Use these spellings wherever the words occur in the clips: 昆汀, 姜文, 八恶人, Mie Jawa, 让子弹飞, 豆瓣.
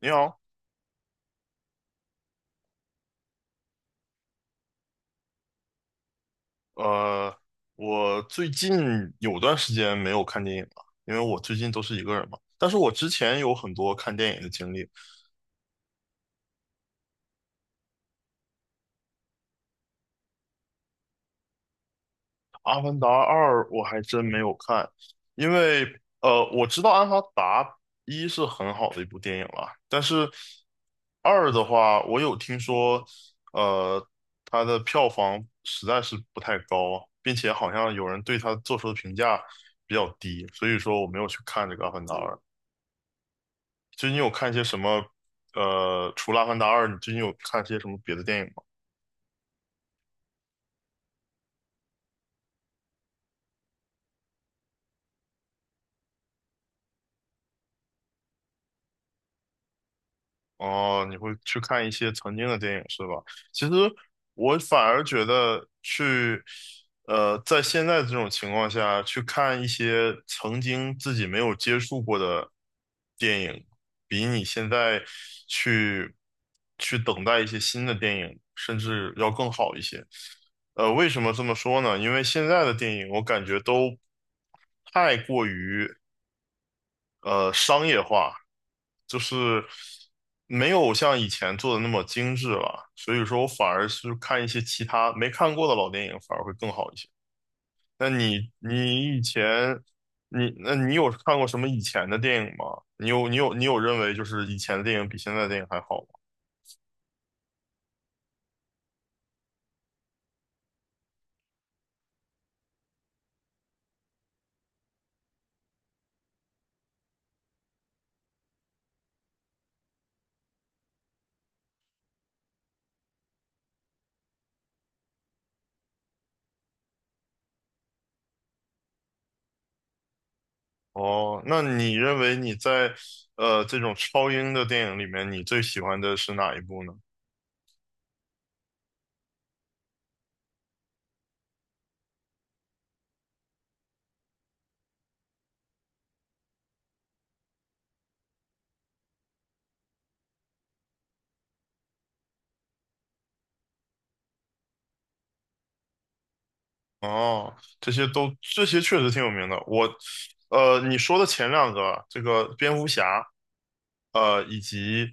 你好，呃，我最近有段时间没有看电影了，因为我最近都是一个人嘛。但是我之前有很多看电影的经历，《阿凡达二》我还真没有看，因为我知道《阿凡达一》是很好的一部电影了，但是二的话，我有听说，呃，它的票房实在是不太高，并且好像有人对它做出的评价比较低，所以说我没有去看这个《阿凡达二》。就你有看一些什么？除了《阿凡达二》，你最近有看一些什么别的电影吗？哦，你会去看一些曾经的电影是吧？其实我反而觉得去，在现在这种情况下去看一些曾经自己没有接触过的电影，比你现在去去等待一些新的电影，甚至要更好一些。为什么这么说呢？因为现在的电影我感觉都太过于商业化，就是没有像以前做的那么精致了，所以说我反而是看一些其他没看过的老电影，反而会更好一些。那你以前你有看过什么以前的电影吗？你有认为就是以前的电影比现在的电影还好吗？哦，那你认为你在这种超英的电影里面，你最喜欢的是哪一部呢？哦，这些确实挺有名的。我，你说的前两个，这个蝙蝠侠，以及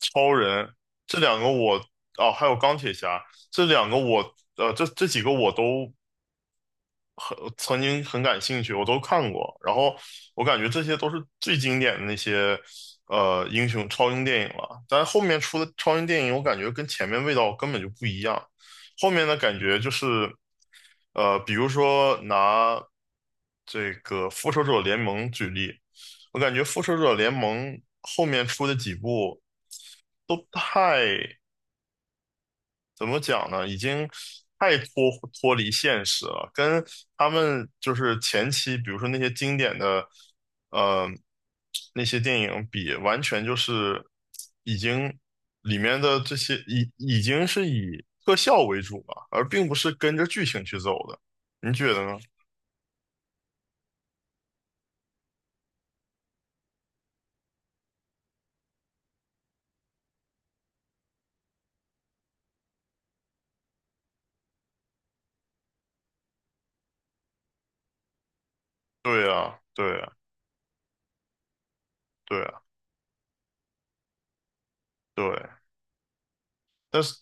超人这两个我，哦，还有钢铁侠这两个我，这几个我都曾经很感兴趣，我都看过。然后我感觉这些都是最经典的那些，英雄超英电影了。但是后面出的超英电影，我感觉跟前面味道根本就不一样。后面的感觉就是。比如说拿这个《复仇者联盟》举例，我感觉《复仇者联盟》后面出的几部都太，怎么讲呢，已经太脱离现实了，跟他们就是前期，比如说那些经典的，呃，那些电影比，完全就是已经里面的这些已经是以特效为主了，而并不是跟着剧情去走的，你觉得呢？对啊，对啊，对啊，对，但是，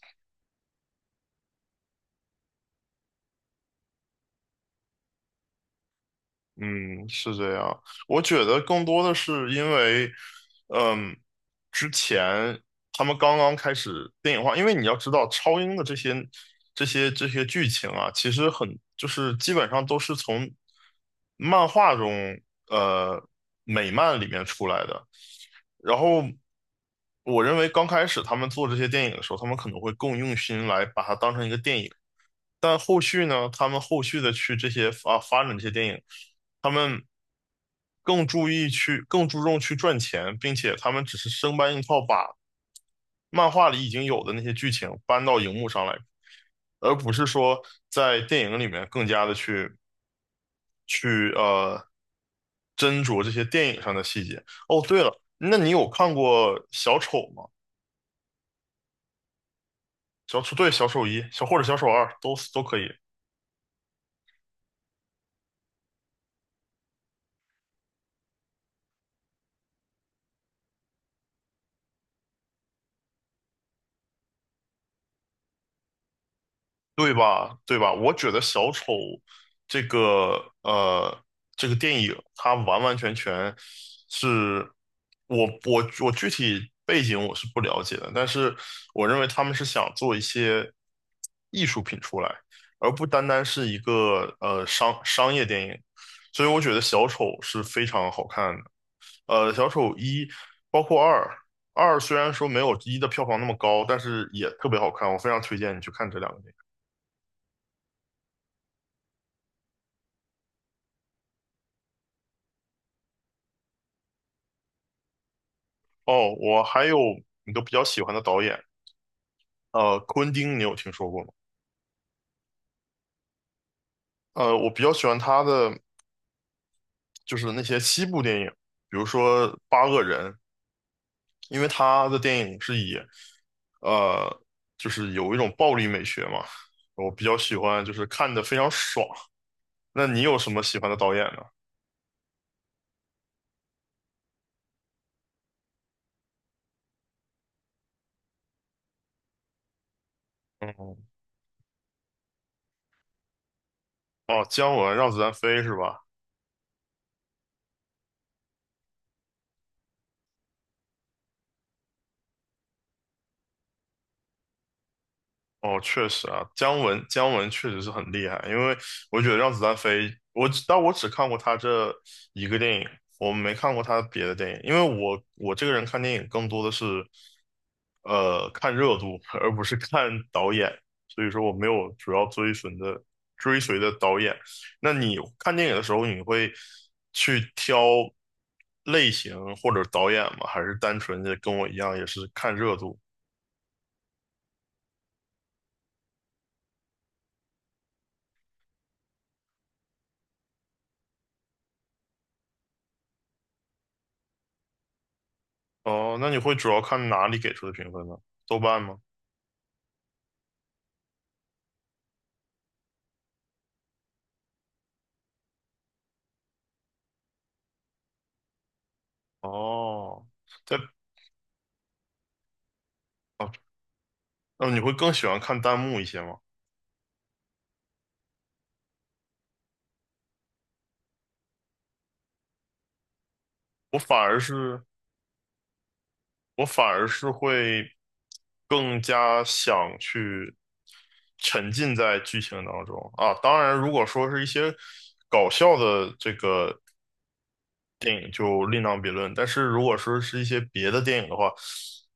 嗯，是这样。我觉得更多的是因为，嗯，之前他们刚刚开始电影化，因为你要知道，超英的这些剧情啊，其实很就是基本上都是从漫画中，呃，美漫里面出来的。然后，我认为刚开始他们做这些电影的时候，他们可能会更用心来把它当成一个电影。但后续呢，他们后续的去这些啊发展这些电影，他们更注重去赚钱，并且他们只是生搬硬套把漫画里已经有的那些剧情搬到荧幕上来，而不是说在电影里面更加的去斟酌这些电影上的细节。哦，对了，那你有看过小丑吗？小丑，对，小丑一，或者小丑二都可以。对吧？对吧？我觉得小丑这个呃这个电影，它完完全全是我具体背景我是不了解的，但是我认为他们是想做一些艺术品出来，而不单单是一个商业电影，所以我觉得小丑是非常好看的。小丑一包括二，二虽然说没有一的票房那么高，但是也特别好看，我非常推荐你去看这两个电影。哦，我还有一个比较喜欢的导演，昆汀，你有听说过吗？我比较喜欢他的就是那些西部电影，比如说《八恶人》，因为他的电影是以呃，就是有一种暴力美学嘛，我比较喜欢，就是看的非常爽。那你有什么喜欢的导演呢？嗯，哦，姜文让子弹飞是吧？哦，确实啊，姜文确实是很厉害，因为我觉得《让子弹飞》，我只看过他这一个电影，我没看过他别的电影，因为我这个人看电影更多的是看热度，而不是看导演，所以说我没有主要追随的导演。那你看电影的时候，你会去挑类型或者导演吗？还是单纯的跟我一样也是看热度？哦，那你会主要看哪里给出的评分呢？豆瓣吗？哦，在哦，那你会更喜欢看弹幕一些吗？我反而是我反而是会更加想去沉浸在剧情当中啊。当然，如果说是一些搞笑的这个电影就另当别论，但是如果说是一些别的电影的话，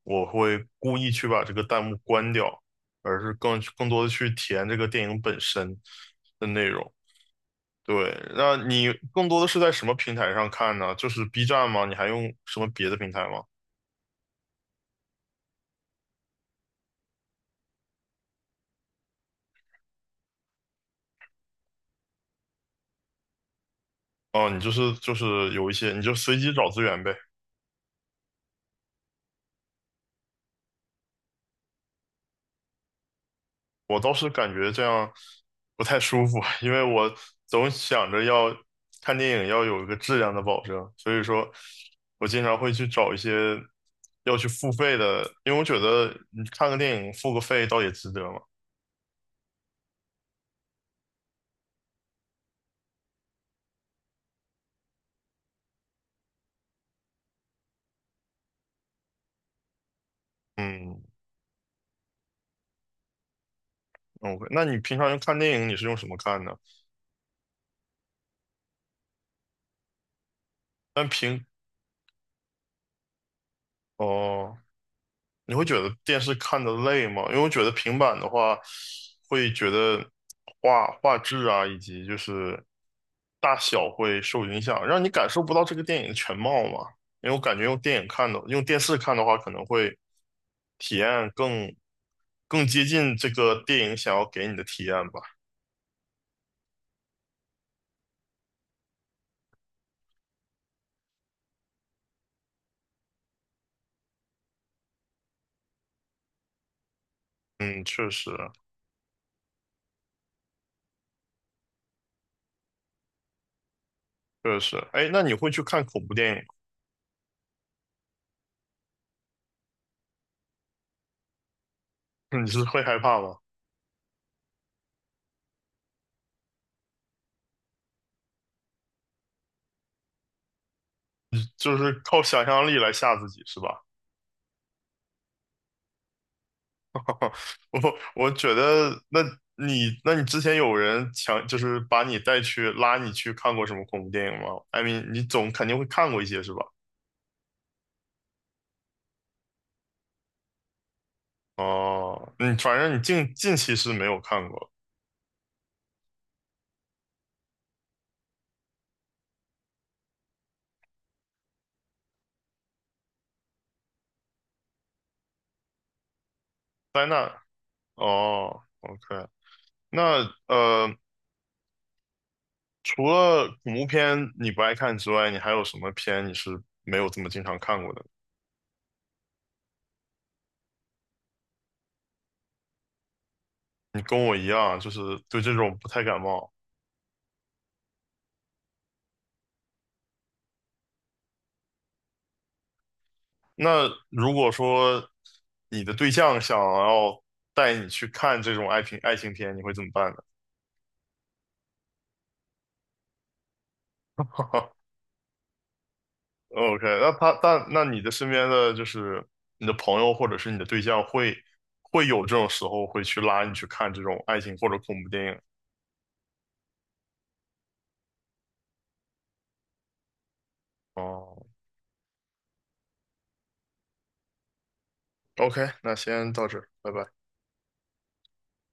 我会故意去把这个弹幕关掉，而是更多的去体验这个电影本身的内容。对，那你更多的是在什么平台上看呢？就是 B 站吗？你还用什么别的平台吗？哦，你就是有一些，你就随机找资源呗。我倒是感觉这样不太舒服，因为我总想着要看电影要有一个质量的保证，所以说我经常会去找一些要去付费的，因为我觉得你看个电影付个费倒也值得嘛。嗯，OK，那你平常用看电影你是用什么看呢？但平哦。你会觉得电视看的累吗？因为我觉得平板的话，会觉得画质啊，以及就是大小会受影响，让你感受不到这个电影的全貌嘛。因为我感觉用电影看的，用电视看的话，可能会体验更接近这个电影想要给你的体验吧。嗯，确实确实。哎，那你会去看恐怖电影吗？ 你是会害怕吗？你就是靠想象力来吓自己是吧？我觉得，那你之前有人强，就是把你带去拉你去看过什么恐怖电影吗，艾米，你总肯定会看过一些是吧？哦，你反正你近期是没有看过，灾难，哦，OK，那除了恐怖片你不爱看之外，你还有什么片你是没有这么经常看过的？你跟我一样，就是对这种不太感冒。那如果说你的对象想要带你去看这种爱情片，你会怎么办呢？ ？OK，那他但那你的身边的就是你的朋友或者是你的对象会有这种时候会去拉你去看这种爱情或者恐怖电影。哦，OK，那先到这儿，拜拜。